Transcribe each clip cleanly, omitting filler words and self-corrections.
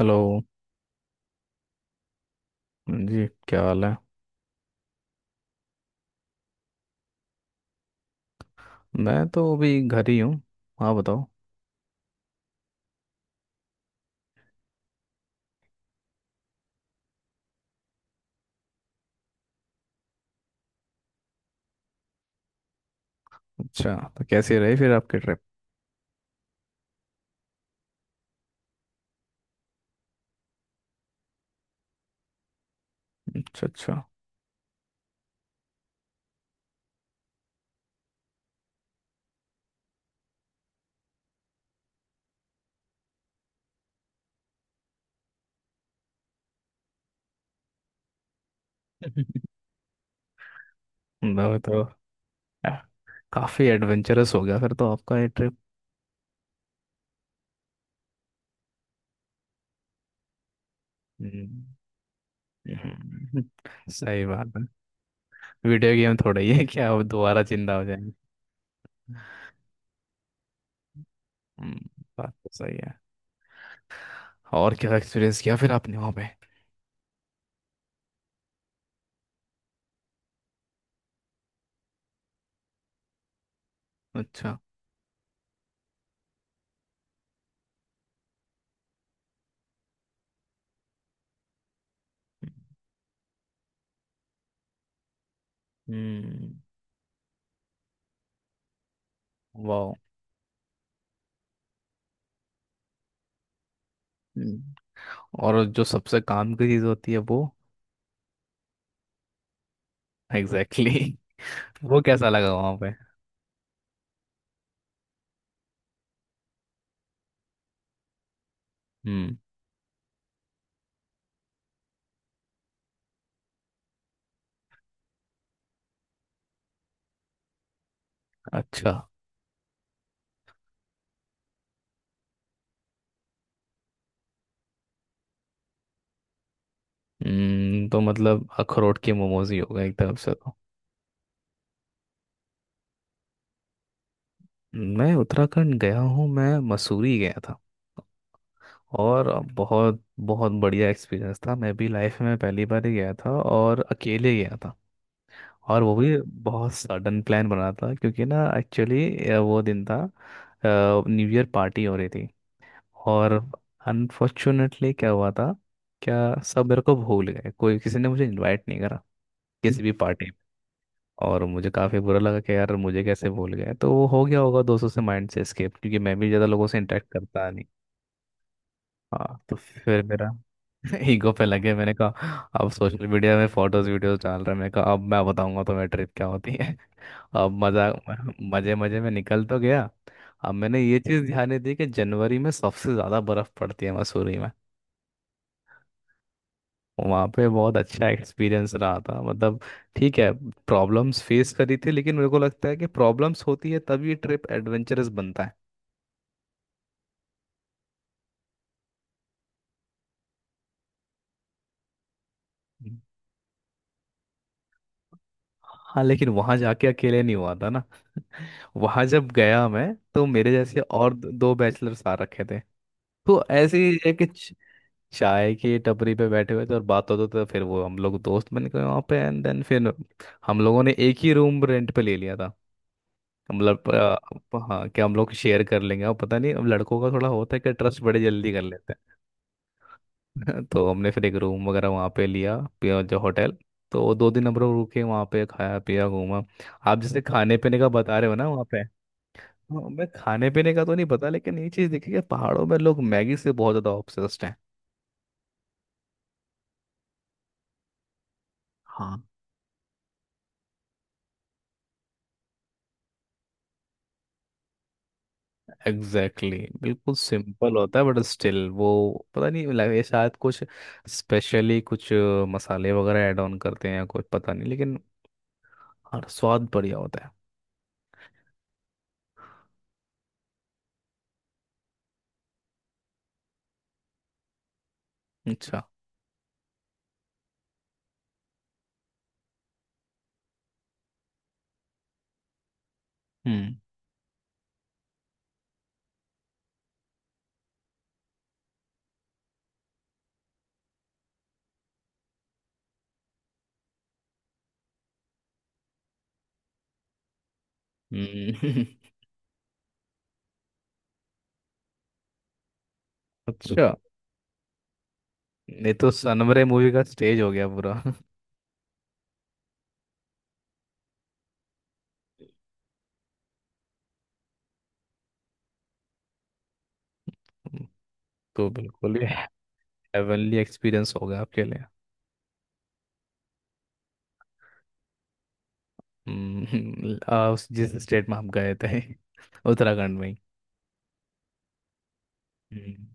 Hello जी। क्या हाल है? मैं तो अभी घर ही हूँ। हाँ बताओ। अच्छा, तो कैसी रही फिर आपकी ट्रिप? अच्छा अच्छा। बताओ तो। काफ़ी एडवेंचरस हो गया फिर तो आपका ये ट्रिप। हम्म, हम्म, सही बात है। वीडियो गेम थोड़ा ही है क्या, आप दोबारा जिंदा हो जाएंगे? हम्म, बात तो सही है। और क्या एक्सपीरियंस किया फिर आपने वहाँ पे? अच्छा। हम्म। वाह। हम्म, और जो सबसे काम की चीज़ होती है वो। Exactly exactly. वो कैसा लगा वहाँ पे? हम्म। अच्छा। तो मतलब अखरोट के मोमोज ही होगा एक तरफ से तो। मैं उत्तराखंड गया हूँ। मैं मसूरी गया था। और बहुत बहुत बढ़िया एक्सपीरियंस था। मैं भी लाइफ में पहली बार ही गया था और अकेले गया था। और वो भी बहुत सडन प्लान बना था, क्योंकि ना एक्चुअली वो दिन था न्यू ईयर पार्टी हो रही थी। और अनफॉर्चुनेटली क्या हुआ था, क्या, सब मेरे को भूल गए। कोई, किसी ने मुझे इनवाइट नहीं करा किसी भी पार्टी। और मुझे काफ़ी बुरा लगा कि यार मुझे कैसे भूल गए। तो वो हो गया होगा दोस्तों से माइंड से एस्केप, क्योंकि मैं भी ज़्यादा लोगों से इंटरेक्ट करता नहीं। हाँ, तो फिर मेरा। ईगो पे लगे, मैंने कहा अब सोशल मीडिया में फोटोज वीडियोस डाल रहे हैं। मैंने कहा अब मैं बताऊंगा तो मेरी ट्रिप क्या होती है। अब मजा, मजे मजे में निकल तो गया। अब मैंने ये चीज़ ध्यान नहीं दी कि जनवरी में सबसे ज़्यादा बर्फ़ पड़ती है मसूरी में। वहाँ पे बहुत अच्छा एक्सपीरियंस रहा था मतलब। ठीक है, प्रॉब्लम्स फेस करी थी, लेकिन मेरे को लगता है कि प्रॉब्लम्स होती है तभी ट्रिप एडवेंचरस बनता है। हम्म। हाँ, लेकिन वहाँ जाके अकेले नहीं हुआ था ना। वहाँ जब गया मैं, तो मेरे जैसे और दो बैचलर्स आ रखे थे। तो ऐसे ही है कि चाय की टपरी पे बैठे हुए थे और बात होते थे, फिर वो हम लोग दोस्त बन गए वहाँ पे, एंड देन फिर हम लोगों ने एक ही रूम रेंट पे ले लिया था। मतलब हाँ कि हम लोग शेयर कर लेंगे। और पता नहीं, अब लड़कों का थोड़ा होता है कि ट्रस्ट बड़े जल्दी कर लेते हैं। तो हमने फिर एक रूम वगैरह वहाँ पे लिया जो होटल। तो वो दो दिन हम लोग रुके वहाँ पे, खाया पिया घूमा। आप जैसे खाने पीने का बता रहे हो ना वहाँ पे। हाँ, मैं खाने पीने का तो नहीं पता, लेकिन ये चीज़ देखी कि पहाड़ों में लोग मैगी से बहुत ज़्यादा ऑब्सेस्ड हैं। हाँ एग्जैक्टली exactly. बिल्कुल सिंपल होता है बट स्टिल वो पता नहीं लगे शायद कुछ, स्पेशली कुछ मसाले वगैरह ऐड ऑन करते हैं या कुछ पता नहीं, लेकिन और स्वाद बढ़िया होता है। अच्छा। हम्म। हम्म। अच्छा। ये तो सनमरे मूवी का स्टेज हो गया पूरा। तो बिल्कुल ही हेवनली एक्सपीरियंस होगा आपके लिए। हम्म। उस जिस स्टेट में आप गए थे उत्तराखंड में ही। हम्म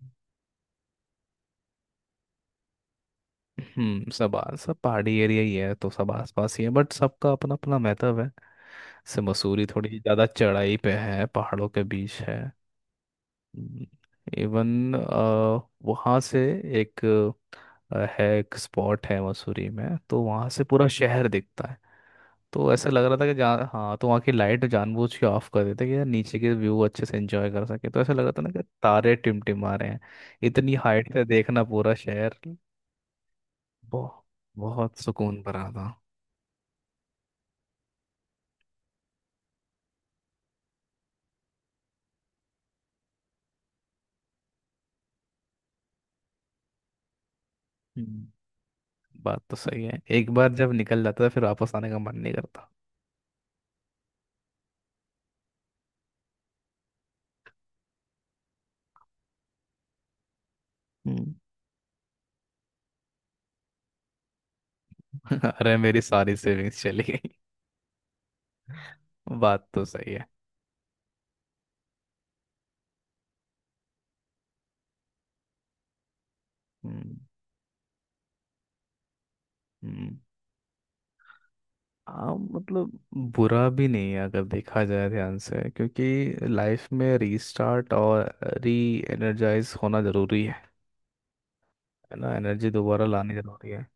सब सब पहाड़ी एरिया ही है, तो सब आसपास ही है, बट सबका अपना अपना महत्व है। से मसूरी थोड़ी ज़्यादा चढ़ाई पे है, पहाड़ों के बीच है। इवन वहाँ से एक है एक स्पॉट है मसूरी में, तो वहाँ से पूरा शहर दिखता है। तो ऐसा लग रहा था कि जहाँ, हाँ, तो वहाँ की लाइट जानबूझ के ऑफ कर देते कि यार नीचे के व्यू अच्छे से एंजॉय कर सके। तो ऐसा लग रहा था ना कि तारे टिमटिमा रहे हैं, इतनी हाइट से देखना पूरा शहर। बहुत बहुत सुकून भरा था। हम्म, बात तो सही है, एक बार जब निकल जाता था फिर वापस आने का मन नहीं करता। हम्म। अरे मेरी सारी सेविंग्स चली गई। बात तो सही है। हम्म, हम्म। हाँ मतलब बुरा भी नहीं है अगर देखा जाए ध्यान से, क्योंकि लाइफ में रीस्टार्ट और री एनर्जाइज होना ज़रूरी है। है ना, एनर्जी दोबारा लानी ज़रूरी है।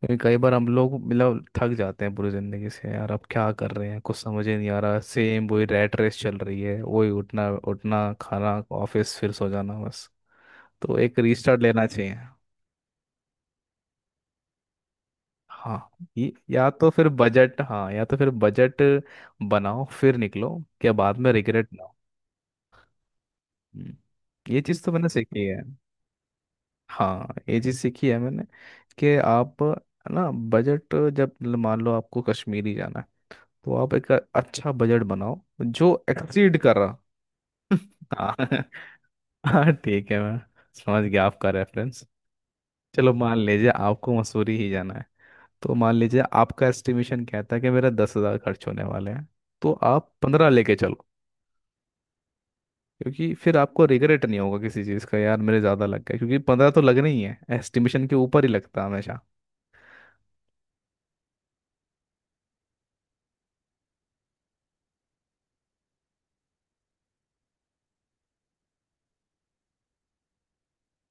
क्योंकि कई बार हम लोग मतलब थक जाते हैं पूरी ज़िंदगी से, यार अब क्या कर रहे हैं, कुछ समझ ही नहीं आ रहा, सेम वही रैट रेस चल रही है, वही उठना उठना खाना ऑफिस फिर सो जाना बस। तो एक रीस्टार्ट लेना चाहिए। हाँ, या तो फिर बजट, हाँ या तो फिर बजट बनाओ फिर निकलो, क्या बाद में रिग्रेट ना हो। हम्म, ये चीज़ तो मैंने सीखी है। हाँ, ये चीज़ सीखी है मैंने, कि आप है ना बजट, जब मान लो आपको कश्मीर ही जाना है, तो आप एक अच्छा बजट बनाओ जो एक्सीड कर रहा। हाँ हाँ ठीक है, मैं समझ गया आपका रेफरेंस। चलो मान लीजिए आपको मसूरी ही जाना है, तो मान लीजिए आपका एस्टिमेशन कहता है कि मेरा 10 हज़ार खर्च होने वाले हैं, तो आप 15 लेके चलो। क्योंकि फिर आपको रिग्रेट नहीं होगा किसी चीज़ का, यार मेरे ज़्यादा लग गए, क्योंकि 15 तो लगने ही है, एस्टिमेशन के ऊपर ही लगता है हमेशा।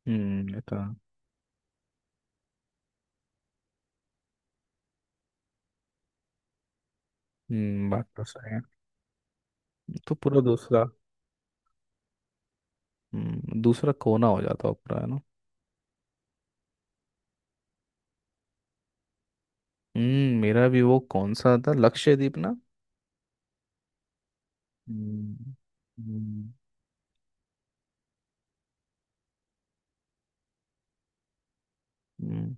हम्म, ये तो है। हम्म, बात तो सही है। तो पूरा दूसरा, हम्म, दूसरा कोना हो जाता है पूरा, है ना। हम्म, मेरा भी वो कौन सा था, लक्षद्वीप ना। हम्म हम्म हम्म,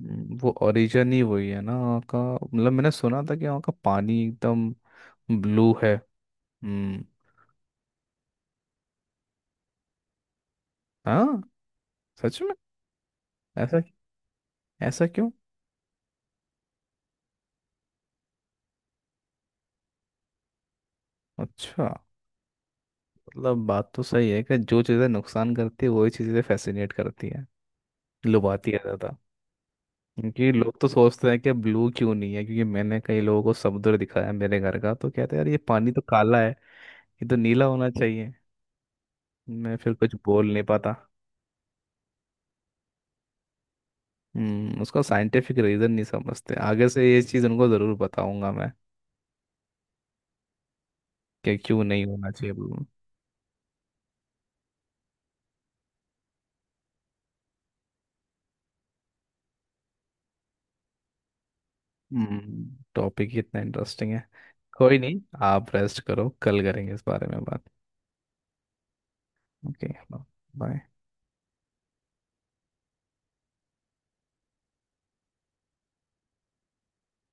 वो ओरिजिन ही वही है ना वहाँ का, मतलब मैंने सुना था कि वहाँ का पानी एकदम ब्लू है। हम्म। हाँ सच में। ऐसा, ऐसा क्यों? अच्छा, मतलब बात तो सही है कि जो चीज़ें नुकसान करती है वही चीज़ें फैसिनेट करती है, लुभाती है ज़्यादा। क्योंकि लोग तो सोचते हैं कि ब्लू क्यों नहीं है, क्योंकि मैंने कई लोगों को समुद्र दिखाया है मेरे घर का, तो कहते हैं यार ये पानी तो काला है, ये तो नीला होना चाहिए। मैं फिर कुछ बोल नहीं पाता। हम्म, उसका साइंटिफिक रीज़न नहीं समझते, आगे से ये चीज़ उनको ज़रूर बताऊंगा मैं, कि क्यों नहीं होना चाहिए ब्लू। हम्म, टॉपिक ही इतना इंटरेस्टिंग है। कोई नहीं, आप रेस्ट करो, कल करेंगे इस बारे में बात। ओके। बाय।